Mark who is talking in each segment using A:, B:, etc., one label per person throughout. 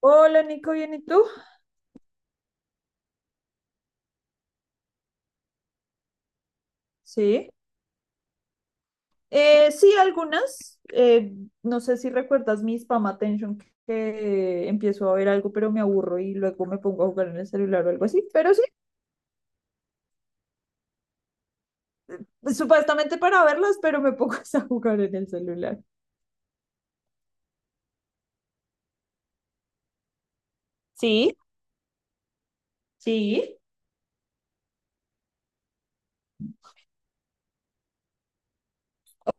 A: Hola Nico, ¿bien y tú? Sí. Sí, algunas. No sé si recuerdas mi spam attention, que empiezo a ver algo, pero me aburro y luego me pongo a jugar en el celular o algo así. Pero sí, supuestamente para verlas, pero me pongo a jugar en el celular. Sí. Sí.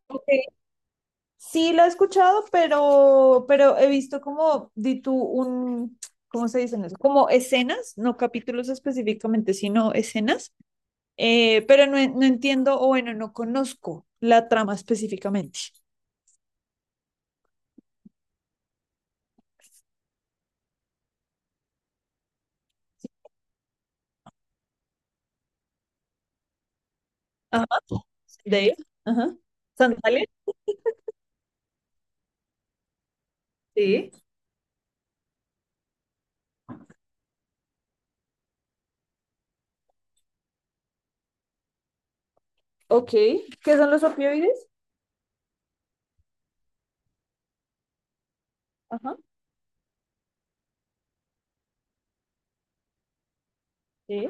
A: Ok. Sí, la he escuchado, pero he visto como, di tú, un, ¿cómo se dicen eso? Como escenas, no capítulos específicamente, sino escenas, pero no, no entiendo, o bueno, no conozco la trama específicamente. Ajá. De ahí. Ajá. ¿Sandalia? Sí. Ok. ¿Qué son los opioides? Ajá. Sí.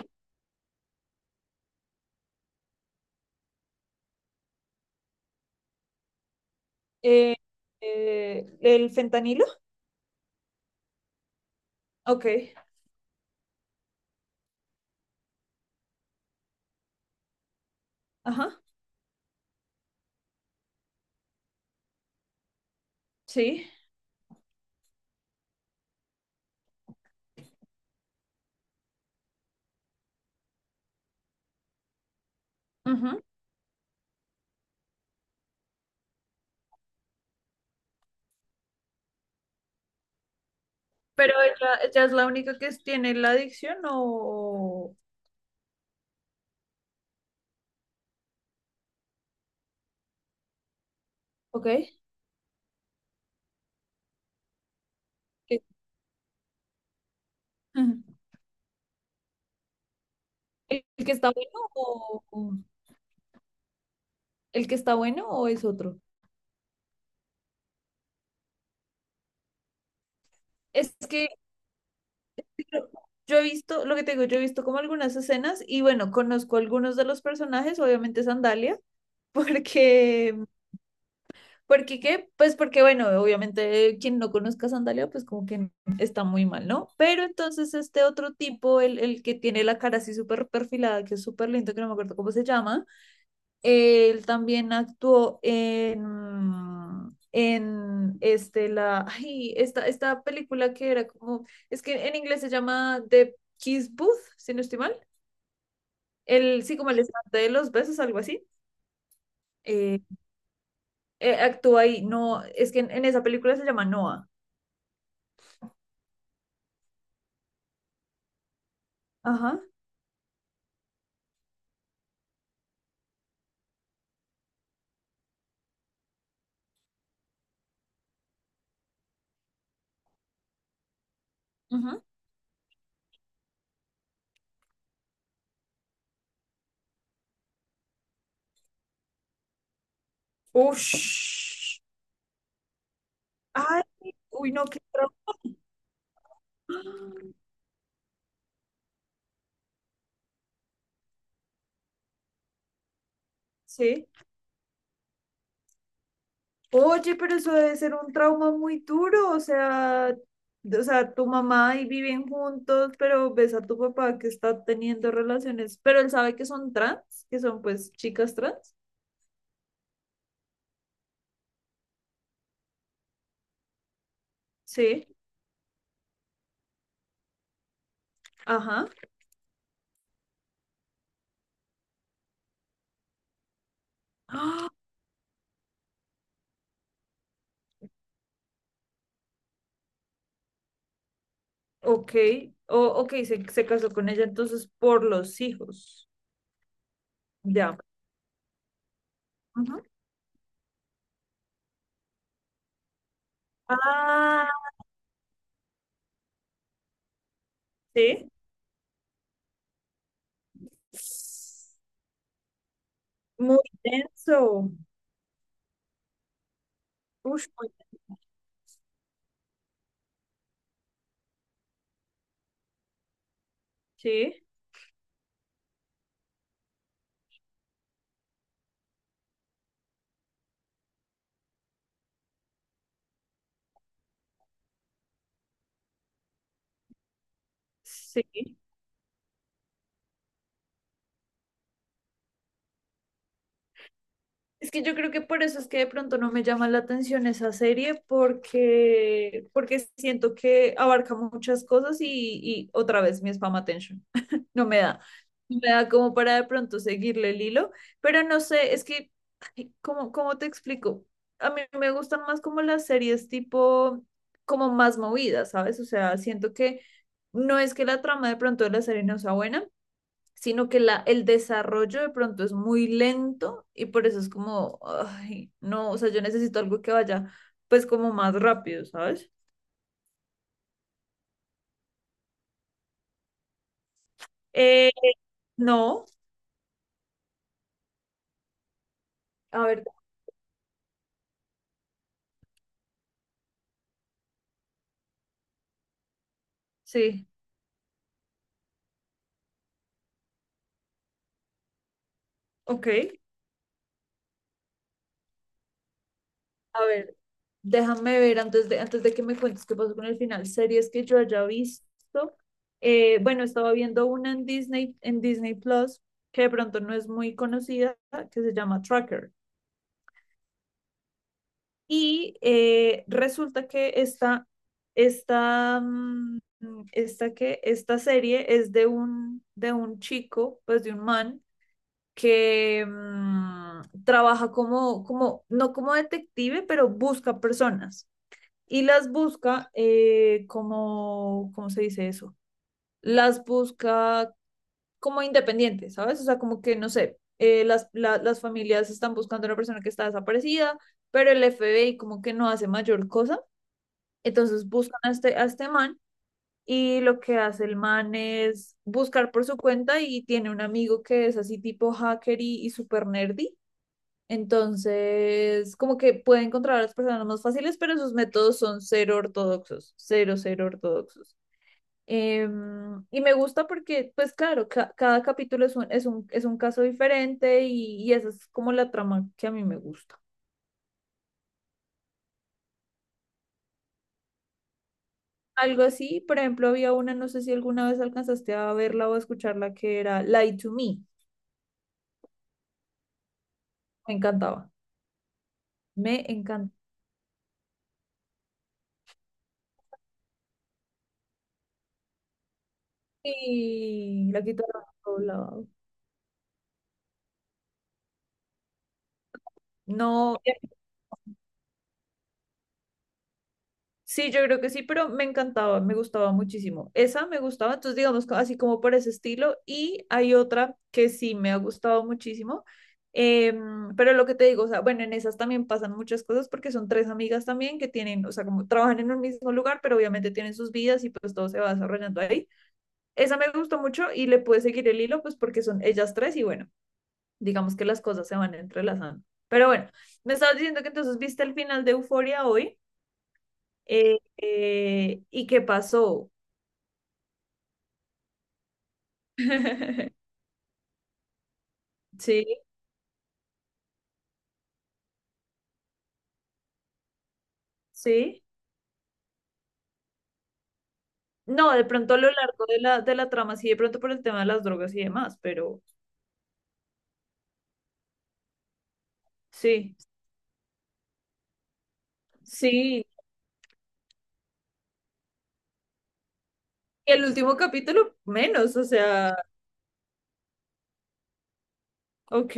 A: Eh, ¿El fentanilo? Ok. Ajá. Sí. Ajá. ¿Pero ella es la única que tiene la adicción o...? Ok. El que está bueno o o- el que está bueno o es otro? Es que Yo yo he visto, lo que te digo, yo he visto como algunas escenas y bueno, conozco algunos de los personajes, obviamente Sandalia, porque, porque qué, pues porque bueno, obviamente quien no conozca a Sandalia, pues como que está muy mal, ¿no? Pero entonces este otro tipo, el que tiene la cara así súper perfilada, que es súper lindo, que no me acuerdo cómo se llama, él también actuó en este, la, ay, esta película que era como, es que en inglés se llama The Kiss Booth, si no estoy mal. El, sí, como el estante de los besos, algo así. Eh, actúa ahí, no, es que en esa película se llama Noah. Ajá. Ujú. Ush. Ay, uy, no, qué trauma. Sí. Oye, pero eso debe ser un trauma muy duro, o sea, tu mamá y viven juntos, pero ves a tu papá que está teniendo relaciones, pero él sabe que son trans, que son pues chicas trans. Sí, ajá. Ah, ok, o, ok, se casó con ella entonces por los hijos. Ya. Ujú. Ah, sí. Muy denso. Ush, muy- sí, sí. Es que yo creo que por eso es que de pronto no me llama la atención esa serie, porque, porque siento que abarca muchas cosas y otra vez mi spam attention. No me da. No me da como para de pronto seguirle el hilo, pero no sé, es que, ay, ¿cómo, cómo te explico? A mí me gustan más como las series tipo, como más movidas, ¿sabes? O sea, siento que no es que la trama de pronto de la serie no sea buena, sino que la, el desarrollo de pronto es muy lento y por eso es como, ay, no, o sea, yo necesito algo que vaya pues como más rápido, ¿sabes? Eh, no, a ver, sí, ok, a ver, déjame ver antes de que me cuentes qué pasó con el final, series que yo haya visto, bueno, estaba viendo una en Disney Plus, que de pronto no es muy conocida, que se llama Tracker. Y resulta que esta, esta, que, esta serie es de un chico, pues de un man, que trabaja como, como, no como detective, pero busca personas. Y las busca como, ¿cómo se dice eso? Las busca como independientes, ¿sabes? O sea, como que, no sé, las, la- las familias están buscando a una persona que está desaparecida, pero el FBI como que no hace mayor cosa. Entonces buscan a este man y lo que hace el man es buscar por su cuenta y tiene un amigo que es así tipo hacker y super nerdy. Entonces, como que puede encontrar a las personas más fáciles, pero sus métodos son cero ortodoxos, cero, cero ortodoxos. Em, y me gusta porque, pues claro, ca- cada capítulo es un, es un, es un caso diferente y esa es como la trama que a mí me gusta. Algo así, por ejemplo, había una, no sé si alguna vez alcanzaste a verla o a escucharla, que era Lie to Me. Me encantaba. Me encantaba. Y la guitarra doblada. No, sí, yo creo que sí, pero me encantaba, me gustaba muchísimo. Esa me gustaba, entonces digamos co- así como por ese estilo. Y hay otra que sí me ha gustado muchísimo. Pero lo que te digo, o sea, bueno, en esas también pasan muchas cosas porque son tres amigas también que tienen, o sea, como trabajan en un mismo lugar, pero obviamente tienen sus vidas y pues todo se va desarrollando ahí. Esa me gustó mucho y le pude seguir el hilo, pues porque son ellas tres y bueno, digamos que las cosas se van entrelazando. Pero bueno, me estabas diciendo que entonces viste el final de Euforia hoy, y qué pasó. Sí, sí. No, de pronto a lo largo de la trama, sí, de pronto por el tema de las drogas y demás, pero sí, sí. Y el último capítulo, menos, o sea, ok,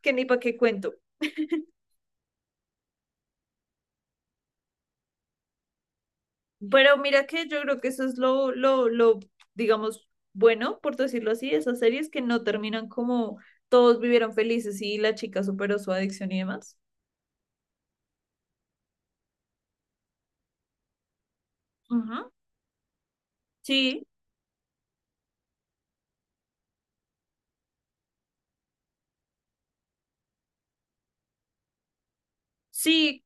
A: que ni para qué cuento. Pero mira que yo creo que eso es lo, digamos, bueno, por decirlo así, esas series que no terminan como todos vivieron felices y la chica superó su adicción y demás. Ujú. Sí, sí.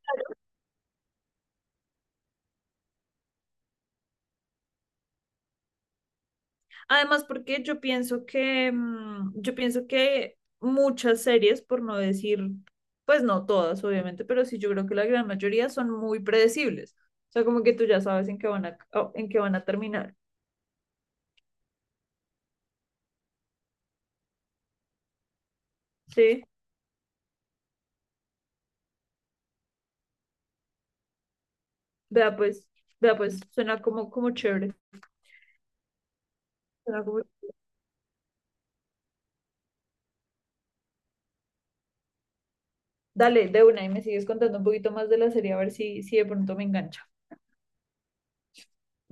A: Además, porque yo pienso que, yo pienso que muchas series, por no decir, pues no todas, obviamente, pero sí yo creo que la gran mayoría son muy predecibles. O sea, como que tú ya sabes en qué van a, en qué van a terminar. Sí, vea pues, vea pues, suena como, como chévere. Suena como. Dale, de una, y me sigues contando un poquito más de la serie, a ver si, si de pronto me engancho.